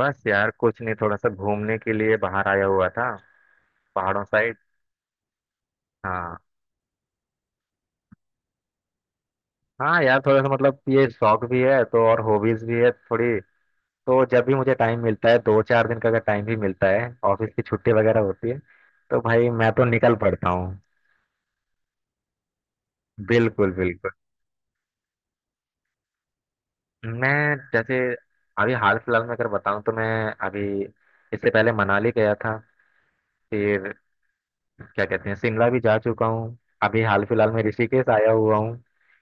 बस यार कुछ नहीं, थोड़ा सा घूमने के लिए बाहर आया हुआ था। पहाड़ों साइड। हाँ। हाँ यार, थोड़ा सा मतलब ये शौक भी है तो, और हॉबीज भी है थोड़ी। तो जब भी मुझे टाइम मिलता है, दो चार दिन का अगर टाइम भी मिलता है, ऑफिस की छुट्टी वगैरह होती है, तो भाई मैं तो निकल पड़ता हूँ। बिल्कुल बिल्कुल। मैं जैसे अभी हाल फिलहाल में अगर बताऊँ तो मैं अभी, इससे पहले मनाली गया था, फिर क्या कहते हैं, शिमला भी जा चुका हूँ, अभी हाल फिलहाल में ऋषिकेश आया हुआ हूँ।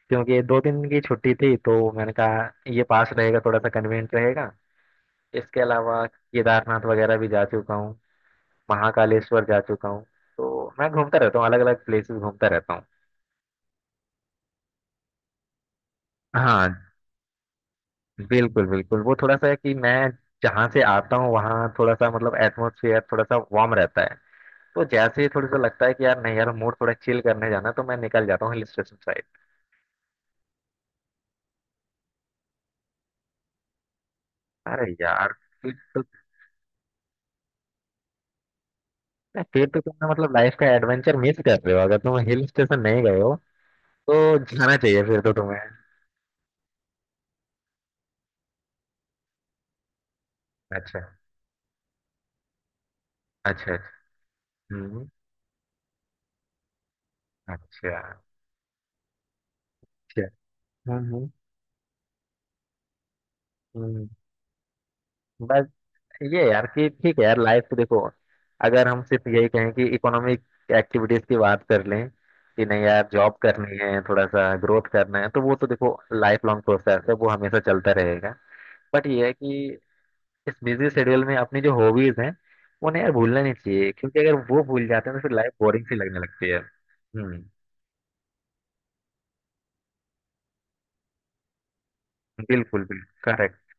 क्योंकि ये 2 दिन की छुट्टी थी तो मैंने कहा ये पास रहेगा, थोड़ा सा कन्वीनियंट रहेगा। इसके अलावा केदारनाथ वगैरह भी जा चुका हूँ, महाकालेश्वर जा चुका हूँ। तो मैं घूमता रहता हूँ, अलग अलग प्लेसेस घूमता रहता हूँ। हाँ, बिल्कुल बिल्कुल। वो थोड़ा सा है कि मैं जहाँ से आता हूँ वहाँ थोड़ा सा मतलब एटमोसफियर थोड़ा सा वार्म रहता है। तो जैसे ही थोड़ा सा लगता है कि यार नहीं यार, मूड थोड़ा चिल करने जाना है, तो मैं निकल जाता हूँ हिल स्टेशन साइड। अरे यार, नहीं, फिर तो तुमने मतलब लाइफ का एडवेंचर मिस कर रहे हो अगर तुम हिल स्टेशन नहीं गए हो तो। जाना चाहिए फिर तो तुम्हें। अच्छा। अच्छा अच्छा। हम्म। अच्छा अच्छा। हम्म। हम्म। बस ये यार कि ठीक है यार, लाइफ तो देखो, अगर हम सिर्फ यही कहें कि इकोनॉमिक एक्टिविटीज की बात कर लें कि नहीं यार जॉब करनी है, थोड़ा सा ग्रोथ करना है, तो वो तो देखो लाइफ लॉन्ग प्रोसेस है, वो हमेशा चलता रहेगा। बट ये है कि इस बिजी शेड्यूल में अपनी जो हॉबीज हैं उन्हें यार भूलना नहीं चाहिए, क्योंकि अगर वो भूल जाते हैं तो फिर लाइफ बोरिंग सी लगने लगती है। हम्म। बिल्कुल बिल्कुल। करेक्ट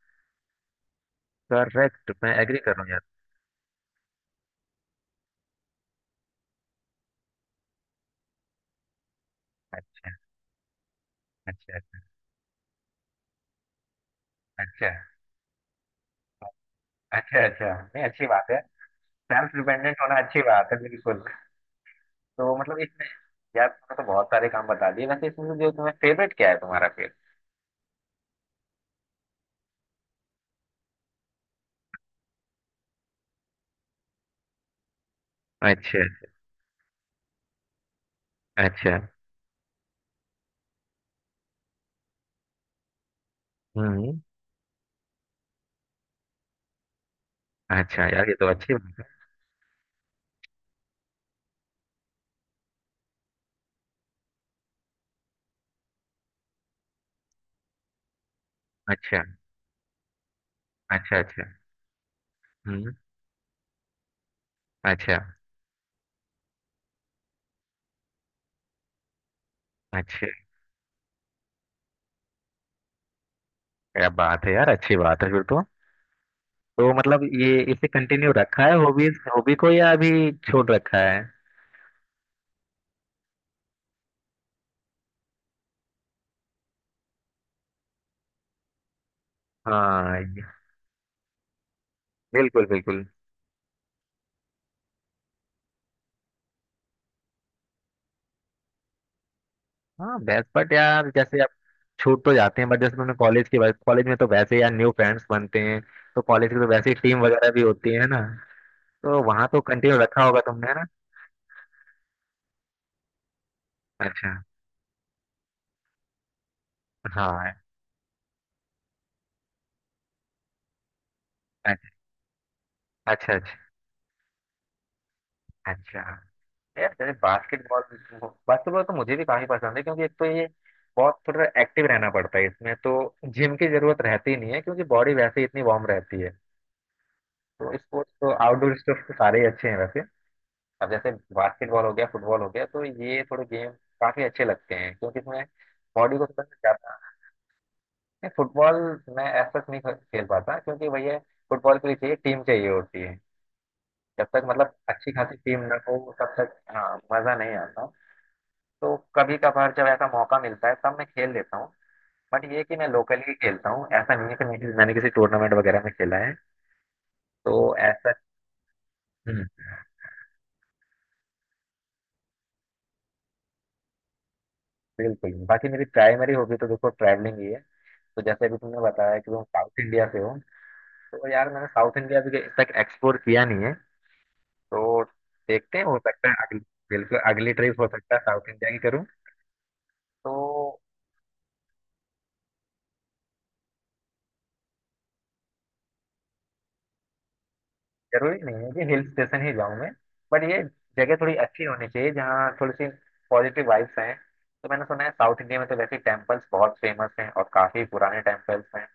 करेक्ट, मैं एग्री कर रहा हूँ यार। अच्छा अच्छा। अच्छा अच्छा अच्छा। नहीं अच्छी बात है। सेल्फ डिपेंडेंट होना अच्छी बात है बिल्कुल। तो मतलब इसमें यार तुमने तो बहुत सारे काम बता दिए वैसे, इसमें से जो तुम्हें फेवरेट क्या है तुम्हारा फिर? अच्छा अच्छा। हम्म। अच्छा यार, ये तो अच्छी बात है। अच्छा अच्छा। अच्छा हम्म। अच्छा अच्छा। क्या बात है यार, अच्छी बात है फिर तो। तो मतलब ये इसे कंटिन्यू रखा है हॉबीज हॉबी को, या अभी छोड़ रखा है? हाँ। बिल्कुल बिल्कुल। हाँ बेस्ट, बट यार जैसे आप, छूट तो जाते हैं बट जैसे तुमने कॉलेज की बात, कॉलेज में तो वैसे यार न्यू फ्रेंड्स बनते हैं। तो कॉलेज की तो वैसे ही टीम वगैरह भी होती है ना, तो वहां तो कंटिन्यू रखा होगा तुमने, है ना? अच्छा। हाँ। अच्छा अच्छा। अच्छा। अच्छा यार, जैसे बास्केटबॉल, बास्केटबॉल तो मुझे भी काफी पसंद है, क्योंकि एक तो ये बहुत, थोड़ा एक्टिव रहना पड़ता है इसमें, तो जिम की जरूरत रहती ही नहीं है क्योंकि बॉडी वैसे ही इतनी वार्म रहती है। तो स्पोर्ट्स तो, आउटडोर स्पोर्ट्स तो सारे ही अच्छे हैं वैसे। अब जैसे बास्केटबॉल हो गया, फुटबॉल हो गया, तो ये थोड़े गेम काफी अच्छे लगते हैं, क्योंकि इसमें बॉडी को थोड़ा सा ज्यादा। नहीं, फुटबॉल मैं ऐसा नहीं खेल पाता, क्योंकि भैया फुटबॉल के लिए चाहिए, टीम चाहिए होती है, जब तक मतलब अच्छी खासी टीम ना हो तब तक हाँ मजा नहीं आता। तो कभी कभार जब ऐसा मौका मिलता है तब मैं खेल लेता हूँ। बट ये है कि मैं लोकली ही खेलता हूँ, ऐसा नहीं है कि मैं मैंने किसी टूर्नामेंट वगैरह में खेला है। तो ऐसा। हम्म। बिल्कुल नहीं। बाकी मेरी प्राइमरी हॉबी तो देखो ट्रैवलिंग ही है। तो जैसे अभी तुमने बताया कि तुम साउथ इंडिया से हो, तो यार मैंने साउथ इंडिया अभी तक एक्सप्लोर किया नहीं है। तो देखते हैं, हो सकता है अगली, बिल्कुल अगली ट्रिप हो सकता है साउथ इंडिया की करूँ। तो जरूरी नहीं है कि हिल स्टेशन ही जाऊं मैं, बट ये जगह थोड़ी अच्छी होनी चाहिए जहाँ थोड़ी सी पॉजिटिव वाइब्स हैं। तो मैंने सुना है साउथ इंडिया में तो वैसे टेम्पल्स बहुत फेमस हैं, और काफी पुराने टेम्पल्स हैं।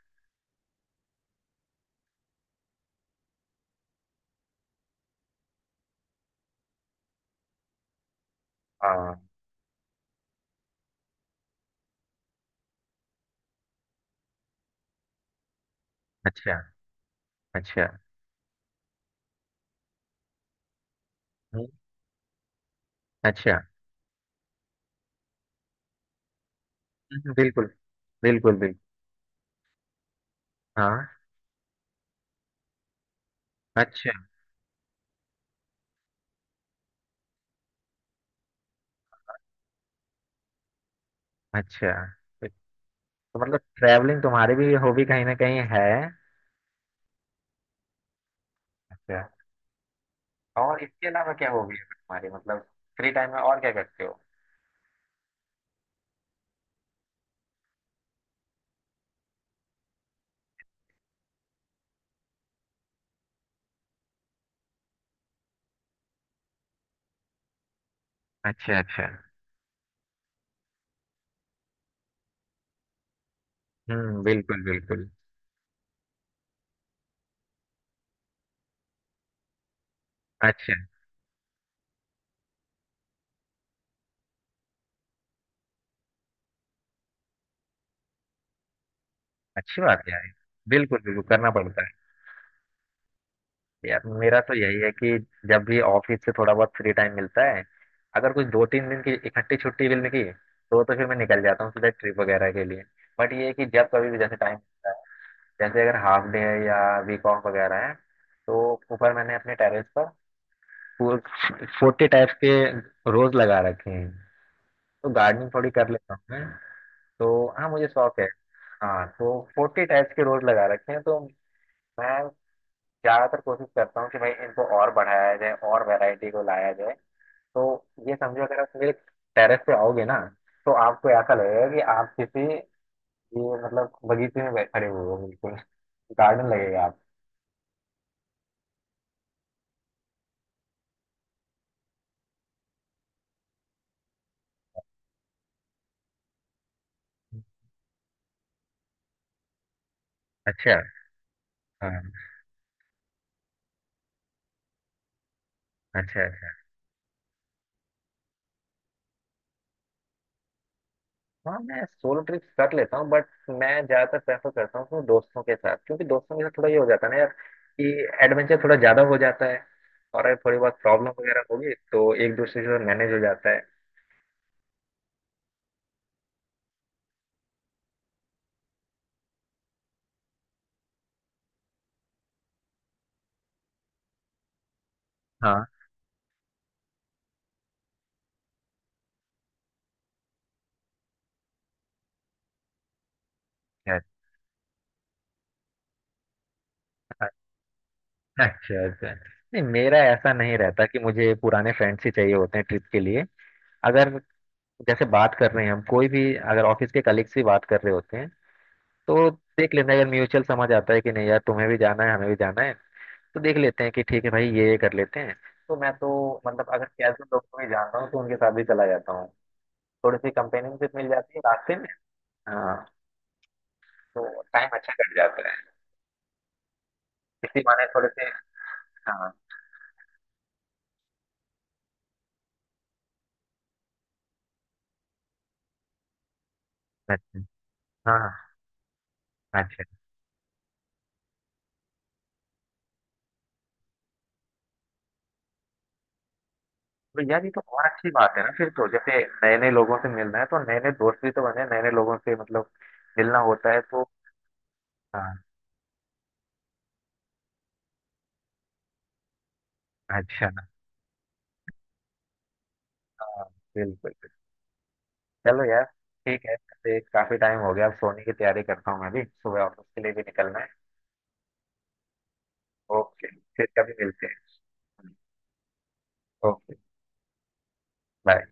हाँ। अच्छा अच्छा। हम्म, अच्छा। बिल्कुल। बिल्कुल बिल्कुल। हाँ। अच्छा अच्छा। तो मतलब ट्रैवलिंग तुम्हारी भी हॉबी कहीं ना कहीं है। अच्छा। और इसके अलावा क्या हॉबी है तुम्हारी, मतलब फ्री टाइम में और क्या करते हो? अच्छा अच्छा। हम्म, बिल्कुल बिल्कुल। अच्छा। अच्छी बात है यार। बिल्कुल बिल्कुल, करना पड़ता है। यार मेरा तो यही है कि जब भी ऑफिस से थोड़ा बहुत फ्री टाइम मिलता है, अगर कुछ दो तीन दिन की इकट्ठी छुट्टी मिल गई तो फिर मैं निकल जाता हूँ सीधा ट्रिप वगैरह के लिए। बट ये है कि जब कभी भी जैसे टाइम मिलता है, जैसे अगर हाफ डे है या वीक ऑफ वगैरह है, तो ऊपर मैंने अपने टेरेस पर 40 टाइप्स के रोज लगा रखे हैं, तो गार्डनिंग थोड़ी कर लेता हूँ मैं। तो हाँ, मुझे शौक है। हाँ तो 40 टाइप्स के रोज लगा रखे हैं। तो मैं ज़्यादातर कोशिश करता हूँ कि भाई इनको और बढ़ाया जाए, और वैरायटी को लाया जाए। तो ये समझो, अगर आप मेरे टेरेस पे आओगे ना, तो आपको ऐसा लगेगा कि आप किसी, ये मतलब बगीचे में खड़े हुए हो, बिल्कुल गार्डन लगेगा आप। अच्छा। हाँ। अच्छा अच्छा। हाँ मैं सोलो ट्रिप कर लेता हूँ, बट मैं ज्यादातर प्रेफर करता हूँ अपने दोस्तों के साथ, क्योंकि दोस्तों के साथ थोड़ा ये हो जाता है ना यार कि एडवेंचर थोड़ा ज्यादा हो जाता है, और अगर थोड़ी बहुत प्रॉब्लम वगैरह होगी तो एक दूसरे से मैनेज हो जाता है। हाँ। अच्छा अच्छा अच्छा। अच्छा। नहीं मेरा ऐसा नहीं रहता कि मुझे पुराने फ्रेंड्स ही चाहिए होते हैं ट्रिप के लिए। अगर जैसे बात कर रहे हैं हम, कोई भी अगर ऑफिस के कलीग्स ही बात कर रहे होते हैं तो देख लेते हैं, अगर म्यूचुअल समझ आता है कि नहीं यार तुम्हें भी जाना है हमें भी जाना है, तो देख लेते हैं कि ठीक है भाई ये कर लेते हैं। तो मैं तो मतलब अगर कैजुअल लोग को भी जानता हूँ तो उनके साथ भी चला जाता हूँ, थोड़ी सी कंपेनियनशिप मिल जाती है रास्ते में। हाँ। तो टाइम अच्छा कट जाता है, इसी बहाने थोड़े से। हाँ। अच्छा। हाँ। हाँ तो यार ये तो और अच्छी बात है ना फिर तो, जैसे नए नए लोगों से मिलना है तो नए नए दोस्त भी तो बने, नए नए लोगों से मतलब मिलना होता है तो। हाँ। अच्छा। हाँ बिल्कुल बिल्कुल। चलो यार, ठीक है, वैसे काफी टाइम हो गया, अब सोने की तैयारी करता हूँ, मैं भी सुबह ऑफिस के लिए भी निकलना है। ओके, फिर कभी मिलते हैं। ओके। बाय।